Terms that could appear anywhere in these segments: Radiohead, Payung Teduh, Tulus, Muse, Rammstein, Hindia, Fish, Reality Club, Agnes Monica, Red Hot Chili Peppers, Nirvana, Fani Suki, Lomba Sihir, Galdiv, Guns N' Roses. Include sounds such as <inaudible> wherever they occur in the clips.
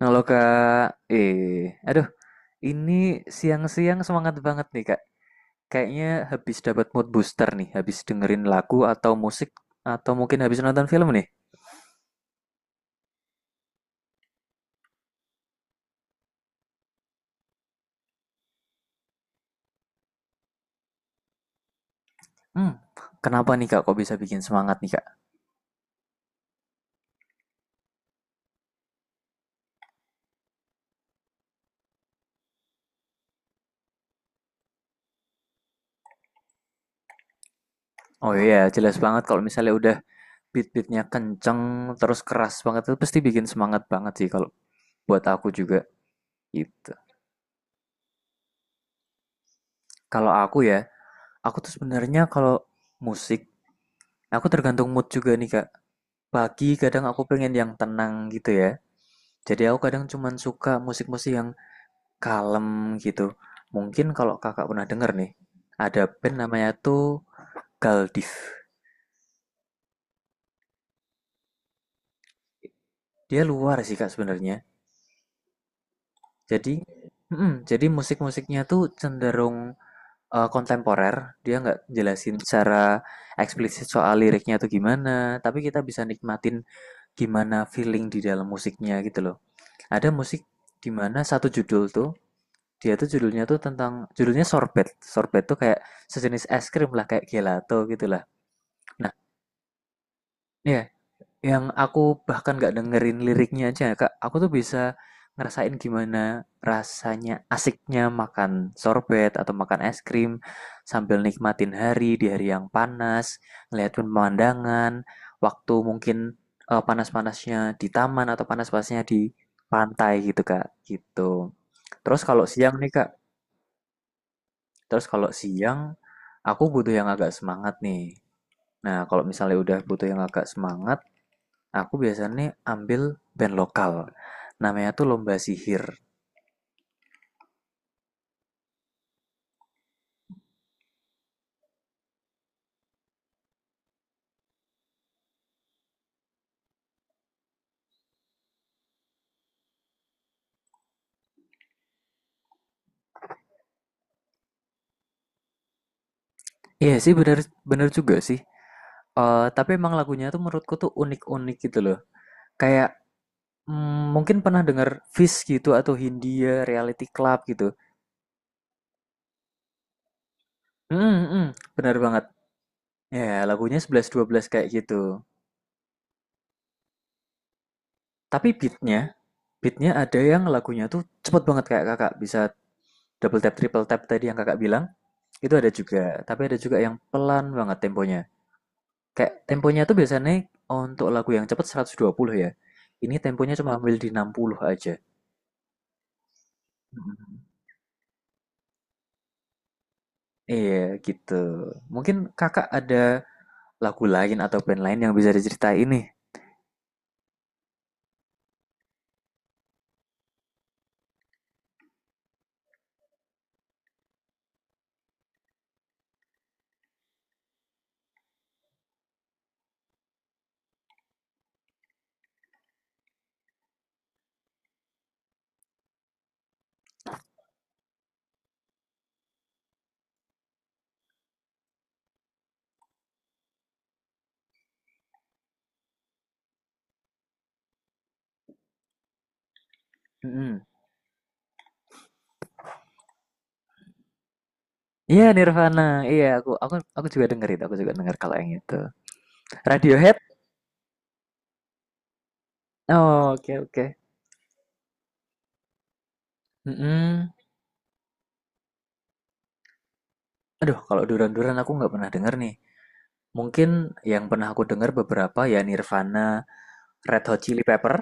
Halo Kak, aduh, ini siang-siang semangat banget nih Kak. Kayaknya habis dapat mood booster nih, habis dengerin lagu atau musik, atau mungkin habis nonton film nih. Hmm, Kenapa nih Kak, kok bisa bikin semangat nih Kak? Oh iya, jelas banget kalau misalnya udah beat-beatnya kenceng, terus keras banget, itu pasti bikin semangat banget sih kalau buat aku juga gitu. Kalau aku ya, aku tuh sebenarnya kalau musik, aku tergantung mood juga nih Kak. Pagi kadang aku pengen yang tenang gitu ya. Jadi aku kadang cuman suka musik-musik yang kalem gitu. Mungkin kalau kakak pernah denger nih, ada band namanya tuh Galdiv. Dia luar sih kak sebenarnya. Jadi, jadi, musik-musiknya tuh cenderung kontemporer. Dia nggak jelasin secara eksplisit soal liriknya tuh gimana. Tapi kita bisa nikmatin gimana feeling di dalam musiknya gitu loh. Ada musik di mana satu judul tuh dia tuh judulnya tuh tentang judulnya sorbet. Sorbet tuh kayak sejenis es krim lah, kayak gelato gitu lah. Nah, ya yang aku bahkan nggak dengerin liriknya aja, Kak. Aku tuh bisa ngerasain gimana rasanya asiknya makan sorbet atau makan es krim sambil nikmatin hari di hari yang panas, ngeliat pemandangan, waktu mungkin panas-panasnya di taman atau panas-panasnya di pantai gitu, Kak. Gitu. Terus kalau siang nih, Kak, Terus kalau siang, aku butuh yang agak semangat nih. Nah, kalau misalnya udah butuh yang agak semangat, aku biasanya ambil band lokal. Namanya tuh Lomba Sihir. Iya sih, bener, bener juga sih. Eh, tapi emang lagunya tuh menurutku tuh unik-unik gitu loh. Kayak mungkin pernah denger Fish gitu atau Hindia, Reality Club gitu. Hmm, hmm, bener banget. Ya, lagunya sebelas dua belas kayak gitu. Tapi beatnya, beatnya ada yang lagunya tuh cepet banget kayak Kakak bisa double tap, triple tap tadi yang Kakak bilang, itu ada juga. Tapi ada juga yang pelan banget temponya. Kayak temponya tuh biasanya untuk lagu yang cepet 120 ya. Ini temponya cuma ambil di 60 aja. Mhm. Iya gitu. Mungkin Kakak ada lagu lain atau band lain yang bisa diceritain nih. Mhm. Iya Nirvana, iya aku juga denger itu, aku juga denger kalau yang itu. Radiohead? Oh, oke oke. Mm-mm. Aduh, kalau Duran-Duran aku nggak pernah denger nih. Mungkin yang pernah aku denger beberapa ya Nirvana, Red Hot Chili Pepper,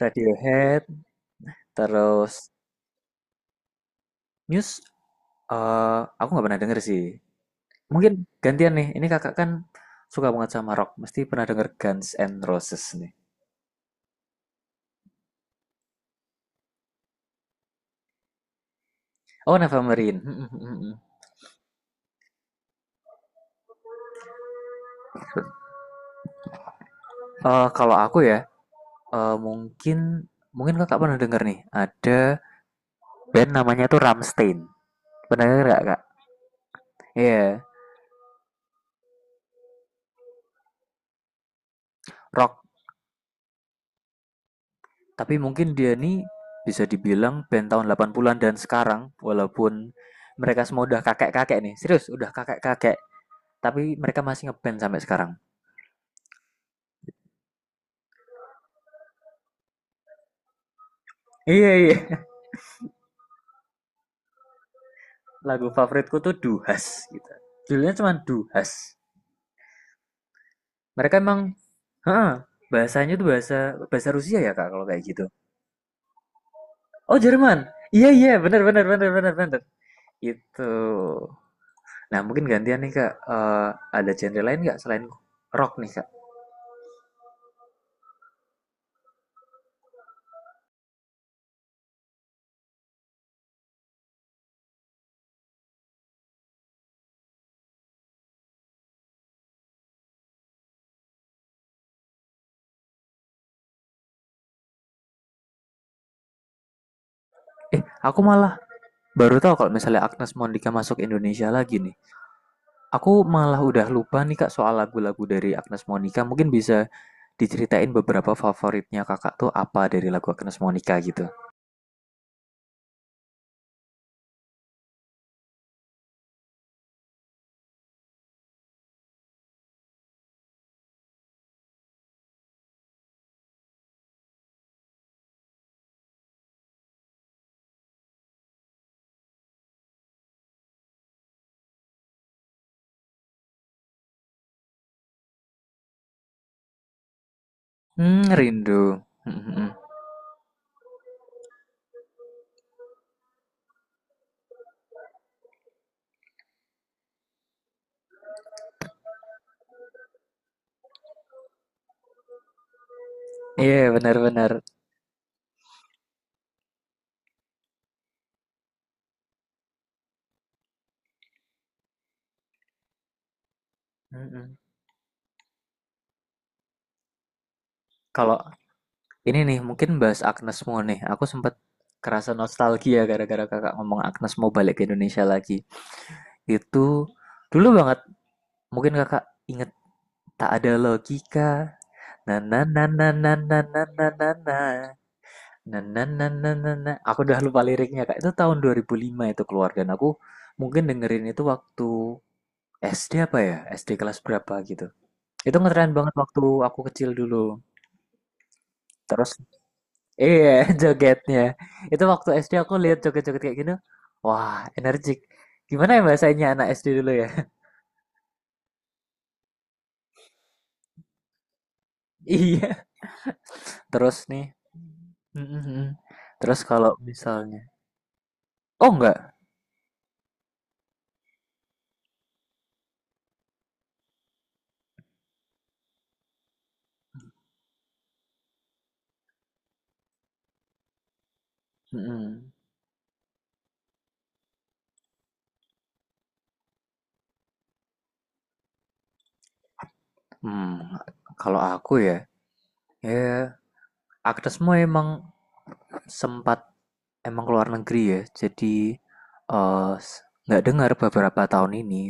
Radiohead, terus Muse. Aku nggak pernah denger sih. Mungkin gantian nih. Ini kakak kan suka banget sama rock. Mesti pernah denger Guns N' Roses nih. Oh, Nevermind. <laughs> Kalau aku ya, mungkin mungkin kakak pernah denger nih. Ada band namanya tuh Rammstein. Pernah denger nggak kak? Iya, rock. Tapi mungkin dia nih bisa dibilang band tahun 80-an dan sekarang walaupun mereka semua udah kakek-kakek nih. Serius, udah kakek-kakek, tapi mereka masih ngeband sampai sekarang. Iya, iya. <laughs> Lagu favoritku tuh Duhas gitu. Judulnya cuma Duhas. Mereka emang heeh, bahasanya tuh bahasa bahasa Rusia ya, Kak, kalau kayak gitu. Oh, Jerman. Iya, iya, benar benar benar benar benar. Itu. Nah, mungkin gantian nih, Kak. Eh, ada genre lain nggak selain rock nih, Kak? Eh, aku malah baru tahu kalau misalnya Agnes Monica masuk Indonesia lagi nih. Aku malah udah lupa nih Kak soal lagu-lagu dari Agnes Monica. Mungkin bisa diceritain beberapa favoritnya Kakak tuh apa dari lagu Agnes Monica gitu. Hmm, rindu. Hmm, iya, yeah, benar-benar. Kalau ini nih mungkin bahas Agnes Mo nih. Aku sempat kerasa nostalgia gara-gara kakak ngomong Agnes mau balik ke Indonesia lagi. Itu dulu banget. Mungkin kakak inget tak ada logika. Na na na na na na na na na na. Na na na na na. Aku udah lupa liriknya Kak. Itu tahun 2005 itu keluar dan aku mungkin dengerin itu waktu SD apa ya? SD kelas berapa gitu. Itu ngetren banget waktu aku kecil dulu. Terus iya <laughs> jogetnya. Itu waktu SD aku lihat joget-joget kayak gini. Wah, energik. Gimana ya bahasanya anak SD dulu ya? <laughs> Iya. Terus nih. Mm, mm, mm. Terus kalau misalnya Oh enggak. Mm, mm. Hmm, Kalau aku ya, ya, Agnesmo emang sempat emang keluar negeri ya. Jadi eh, nggak dengar beberapa tahun ini.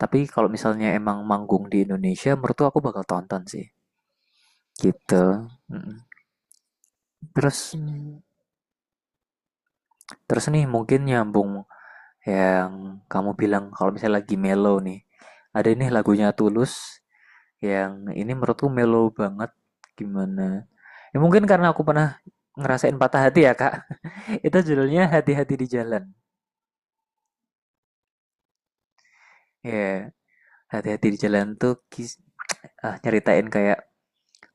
Tapi kalau misalnya emang manggung di Indonesia, menurut aku bakal tonton sih. Gitu. Mm. Terus Hmm. terus nih mungkin nyambung yang kamu bilang kalau misalnya lagi mellow nih. Ada nih lagunya Tulus yang ini menurutku mellow banget. Gimana? Ya mungkin karena aku pernah ngerasain patah hati ya, Kak. <laughs> Itu judulnya Hati-hati di Jalan. Ya, hati-hati di jalan tuh nyeritain kayak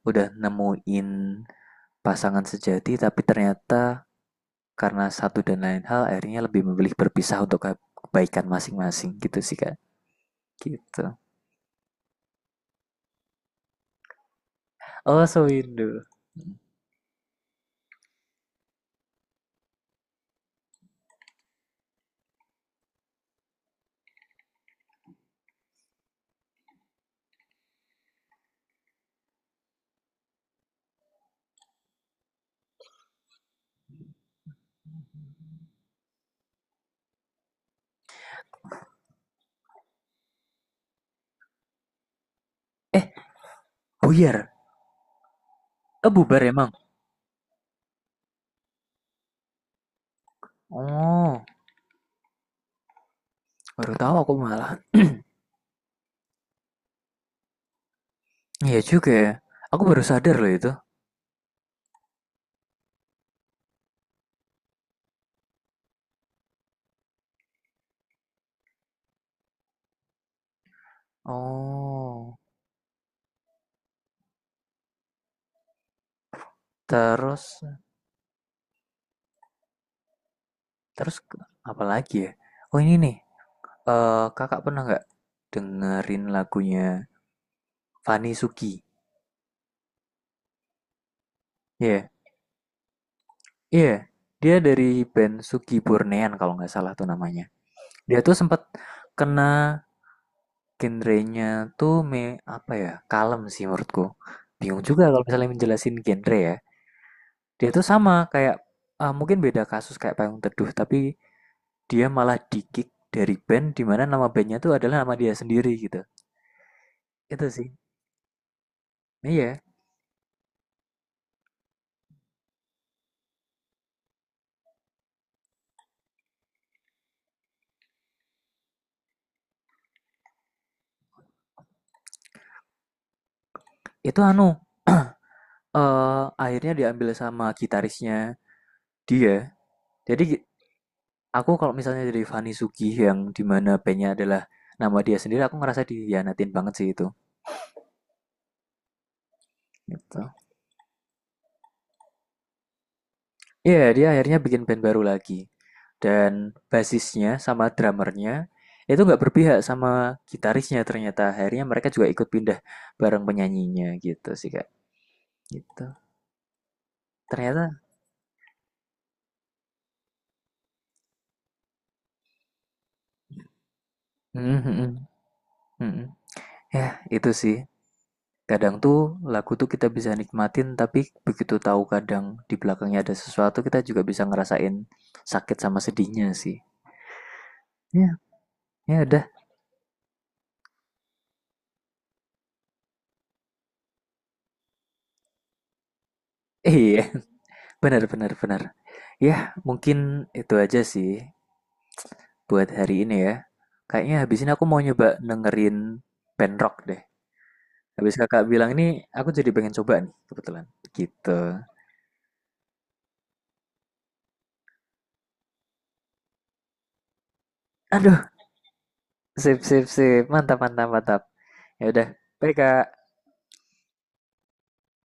udah nemuin pasangan sejati tapi ternyata karena satu dan lain hal akhirnya lebih memilih berpisah untuk kebaikan masing-masing gitu sih Kak. Gitu. Oh, sewindu. Eh, buyar. Eh, bubar emang. Oh, baru tahu aku malah. Iya juga ya. Aku baru sadar loh itu. Oh, terus terus apa lagi ya? Oh, ini nih. Eh, kakak pernah nggak dengerin lagunya Fani Suki? Iya, yeah. Iya. Yeah. Dia dari band Suki Burnean kalau nggak salah tuh namanya. Dia tuh sempat kena genrenya tuh apa ya? Kalem sih menurutku. Bingung juga kalau misalnya menjelasin genre ya. Dia tuh sama kayak mungkin beda kasus kayak Payung Teduh, tapi dia malah di-kick dari band di mana nama bandnya tuh adalah nama dia sendiri gitu. Itu sih. Iya, itu anu. Akhirnya diambil sama gitarisnya dia. Jadi gi Aku kalau misalnya jadi Fanny Sugi yang dimana mana adalah nama dia sendiri, aku ngerasa dikhianatin banget sih itu, gitu. Iya, dia akhirnya bikin band baru lagi, dan basisnya sama drummer itu nggak berpihak sama gitarisnya ternyata, akhirnya mereka juga ikut pindah bareng penyanyinya gitu sih, Kak, gitu. Ternyata mhm mhm, mhm. Yah, itu sih. Kadang tuh lagu tuh kita bisa nikmatin tapi begitu tahu kadang di belakangnya ada sesuatu kita juga bisa ngerasain sakit sama sedihnya sih. Ya, ya udah. Iya, <laughs> benar benar benar. Ya, mungkin itu aja sih buat hari ini ya. Kayaknya habis ini aku mau nyoba dengerin band rock deh. Habis kakak bilang ini, aku jadi pengen coba nih kebetulan. Gitu. Aduh, sip sip sip. Mantap mantap mantap. Ya udah. Baik, Kak.